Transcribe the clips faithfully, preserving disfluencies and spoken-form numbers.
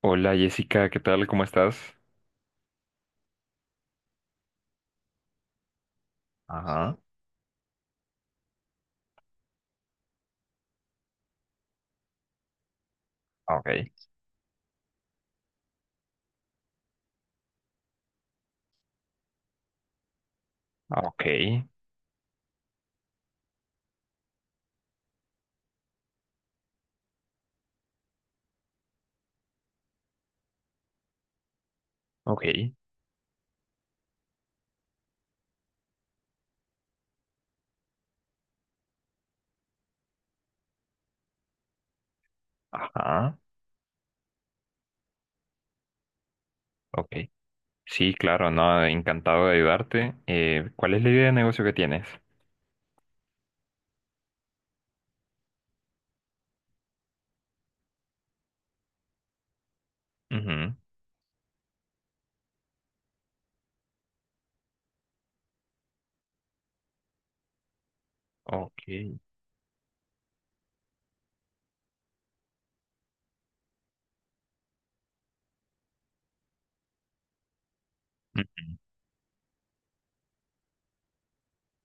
Hola Jessica, ¿qué tal? ¿Cómo estás? Ajá, ok, ok, ok, ajá, ok. Sí, claro, no, encantado de ayudarte. Eh, ¿cuál es la idea de negocio que tienes? Ujú, ok, mm,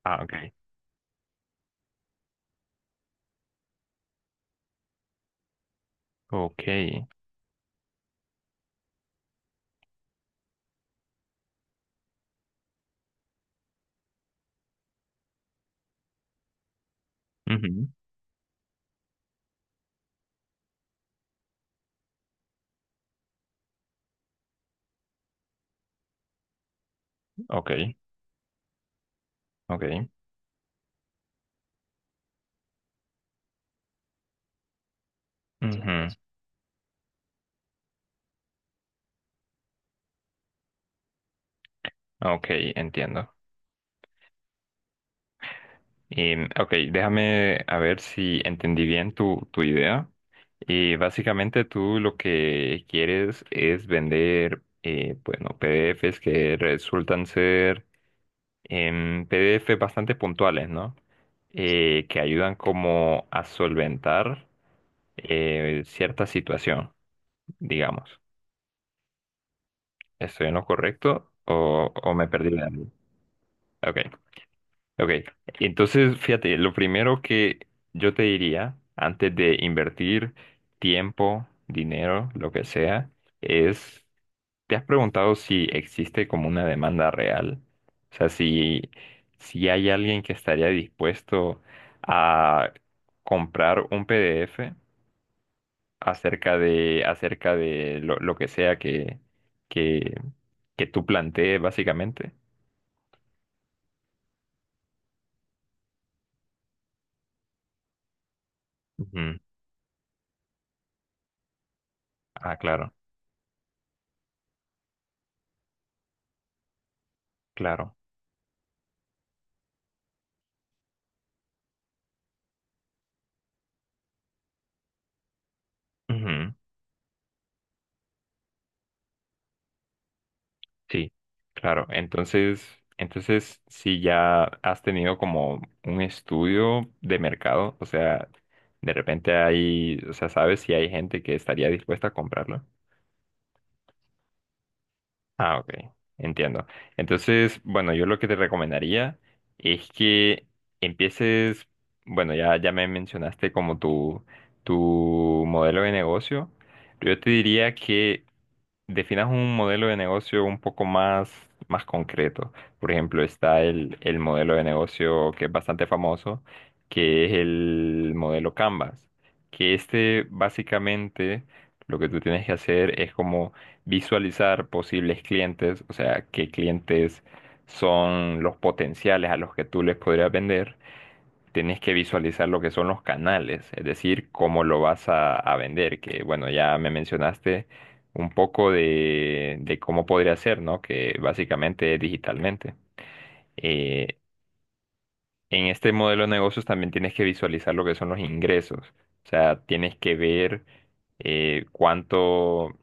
ah, ok, ok, ujú, ok, ok, ujú, ok, entiendo. Em, ok, déjame a ver si entendí bien tu, tu idea. Y básicamente tú lo que quieres es vender, eh, bueno, P D Es que resultan ser em, PDF bastante puntuales, ¿no? Eh, que ayudan como a solventar eh, cierta situación, digamos. ¿Estoy en lo correcto o, o me perdí de algo? Ok, ok. Entonces, fíjate, lo primero que yo te diría antes de invertir tiempo, dinero, lo que sea, es ¿te has preguntado si existe como una demanda real? O sea, si, si hay alguien que estaría dispuesto a comprar un PDF acerca de, acerca de lo, lo que sea que, que, que tú plantees, básicamente. Ujú. Ah, claro, claro. Ujú. Sí, claro. Entonces, entonces, si ya has tenido como un estudio de mercado, o sea, de repente hay, o sea, ¿sabes si hay gente que estaría dispuesta a comprarlo? Ah, ok, entiendo. Entonces, bueno, yo lo que te recomendaría es que empieces, bueno, ya, ya me mencionaste como tu, tu modelo de negocio. Yo te diría que definas un modelo de negocio un poco más, más concreto. Por ejemplo, está el, el modelo de negocio que es bastante famoso, que es el modelo Canvas, que este básicamente lo que tú tienes que hacer es como visualizar posibles clientes, o sea, qué clientes son los potenciales a los que tú les podrías vender tienes que visualizar lo que son los canales, es decir, cómo lo vas a, a vender, que bueno, ya me mencionaste un poco de, de cómo podría ser, ¿no? Que básicamente es digitalmente. Eh, en este modelo de negocios también tienes que visualizar lo que son los ingresos. O sea, tienes que ver eh, cuánto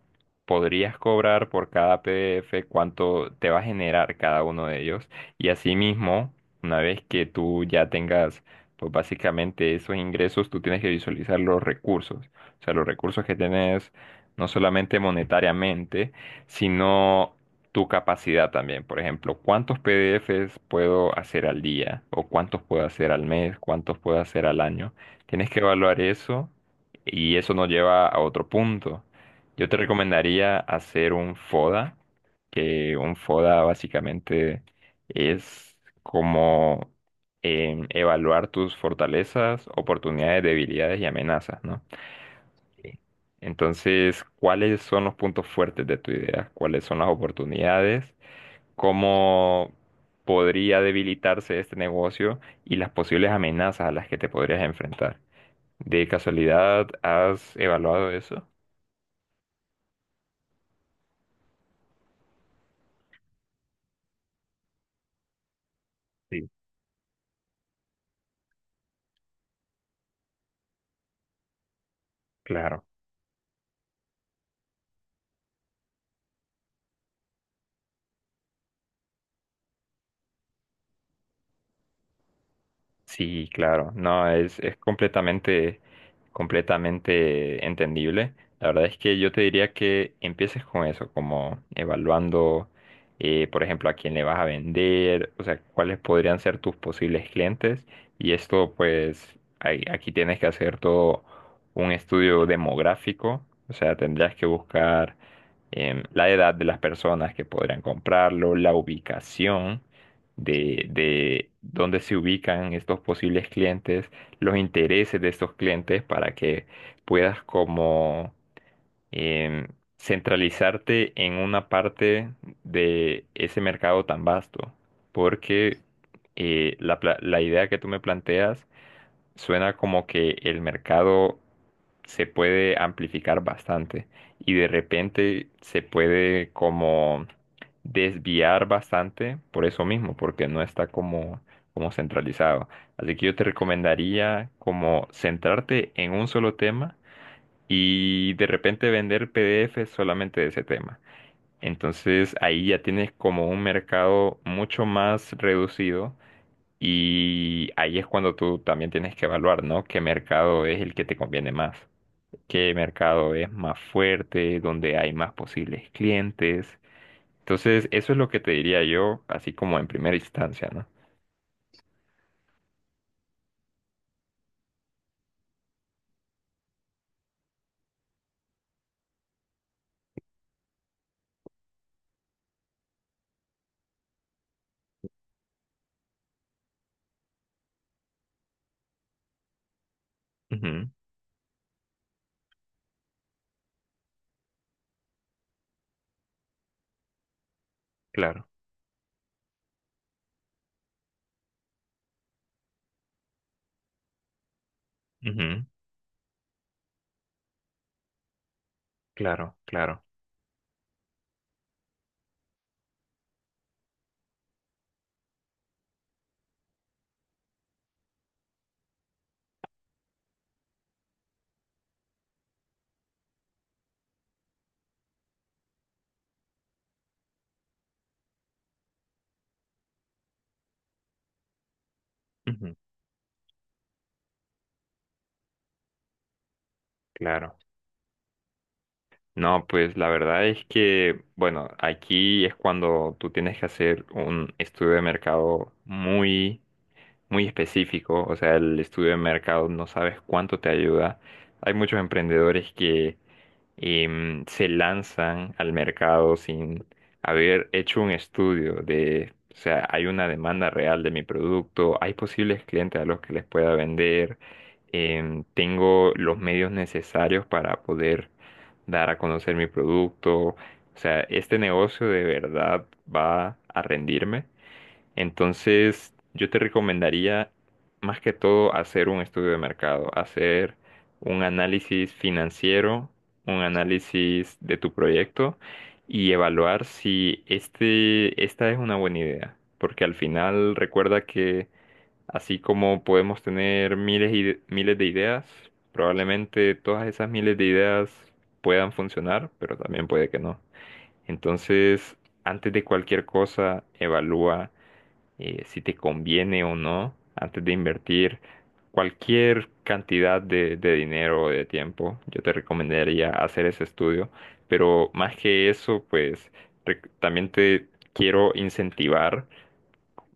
podrías cobrar por cada PDF, cuánto te va a generar cada uno de ellos. Y asimismo, una vez que tú ya tengas, pues básicamente esos ingresos, tú tienes que visualizar los recursos. O sea, los recursos que tienes no solamente monetariamente, sino tu capacidad también. Por ejemplo, ¿cuántos P D Es puedo hacer al día? ¿O cuántos puedo hacer al mes? ¿Cuántos puedo hacer al año? Tienes que evaluar eso y eso nos lleva a otro punto. Yo te recomendaría hacer un FODA, que un FODA básicamente es como em, evaluar tus fortalezas, oportunidades, debilidades y amenazas, ¿no? Sí. Entonces, ¿cuáles son los puntos fuertes de tu idea? ¿Cuáles son las oportunidades? Cómo podría debilitarse este negocio y las posibles amenazas a las que te podrías enfrentar. ¿De casualidad has evaluado eso? Sí, claro. Sí, claro, no, es, es completamente, completamente entendible. La verdad es que yo te diría que empieces con eso, como evaluando, eh, por ejemplo, a quién le vas a vender, o sea, cuáles podrían ser tus posibles clientes. Y esto, pues, ahí- aquí tienes que hacer todo un estudio demográfico, o sea, tendrías que buscar em, la edad de las personas que podrían comprarlo, la ubicación de, de dónde se ubican estos posibles clientes, los intereses de estos clientes para que puedas como em, centralizarte en una parte de ese mercado tan vasto. Porque eh, la, pla- la idea que tú me planteas suena como que el mercado se puede amplificar bastante y de repente se puede como desviar bastante por eso mismo, porque no está como, como centralizado. Así que yo te recomendaría como centrarte en un solo tema y de repente vender PDF solamente de ese tema. Entonces ahí ya tienes como un mercado mucho más reducido y ahí es cuando tú también tienes que evaluar, ¿no? ¿Qué mercado es el que te conviene más? ¿Qué mercado es más fuerte, donde hay más posibles clientes? Entonces, eso es lo que te diría yo, así como en primera instancia, ¿no? Ujú, claro, ujú, claro, claro, ujú, claro. No, pues la verdad es que, bueno, aquí es cuando tú tienes que hacer un estudio de mercado muy muy específico, o sea, el estudio de mercado no sabes cuánto te ayuda. Hay muchos emprendedores que em, se lanzan al mercado sin haber hecho un estudio de, o sea, hay una demanda real de mi producto, hay posibles clientes a los que les pueda vender, em, tengo los medios necesarios para poder dar a conocer mi producto. O sea, este negocio de verdad va a rendirme. Entonces, yo te recomendaría más que todo hacer un estudio de mercado, hacer un análisis financiero, un análisis de tu proyecto y evaluar si este, esta es una buena idea. Porque al final recuerda que así como podemos tener miles y miles de ideas, probablemente todas esas miles de ideas puedan funcionar, pero también puede que no. Entonces, antes de cualquier cosa, evalúa eh, si te conviene o no antes de invertir cualquier cantidad de, de dinero o de tiempo. Yo te recomendaría hacer ese estudio, pero más que eso, pues rec- también te quiero incentivar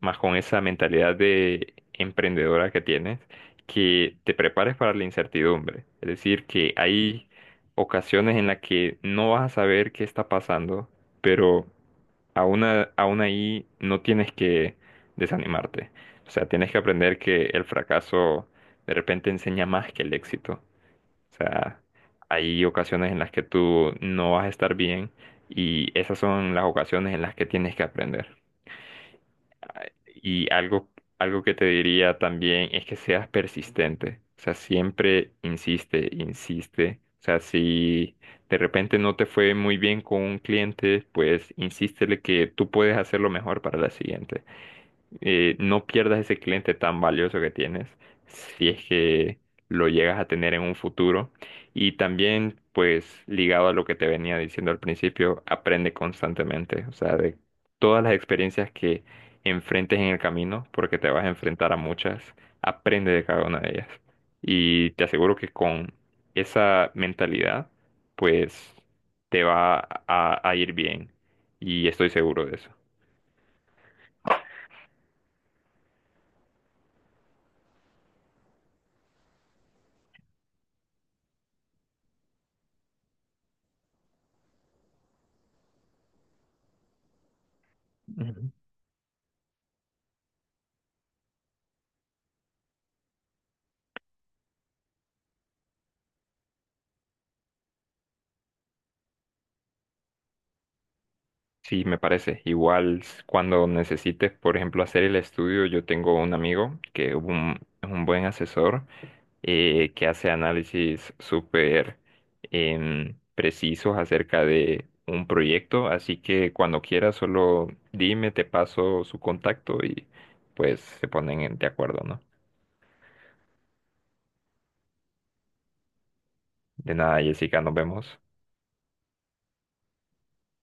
más con esa mentalidad de emprendedora que tienes, que te prepares para la incertidumbre. Es decir, que hay ocasiones en las que no vas a saber qué está pasando, pero Aún, a- aún ahí no tienes que desanimarte. O sea, tienes que aprender que el fracaso de repente enseña más que el éxito. O sea, hay ocasiones en las que tú no vas a estar bien y esas son las ocasiones en las que tienes que aprender. Y algo, algo que te diría también es que seas persistente. O sea, siempre insiste, insiste. O sea, si de repente no te fue muy bien con un cliente, pues insístele que tú puedes hacerlo mejor para la siguiente eh, no pierdas ese cliente tan valioso que tienes si es que lo llegas a tener en un futuro. Y también, pues, ligado a lo que te venía diciendo al principio, aprende constantemente, o sea, de todas las experiencias que enfrentes en el camino, porque te vas a enfrentar a muchas, aprende de cada una de ellas. Y te aseguro que con esa mentalidad, pues, te va a, a ir bien. Y estoy seguro de eso. Sí, me parece. Igual s- cuando necesites, por ejemplo, hacer el estudio, yo tengo un amigo que es un, es un buen asesor eh, que hace análisis súper em, precisos acerca de un proyecto. Así que cuando quieras, solo dime, te paso su contacto y pues se ponen en- de acuerdo, ¿no? De nada, Jessica, nos vemos.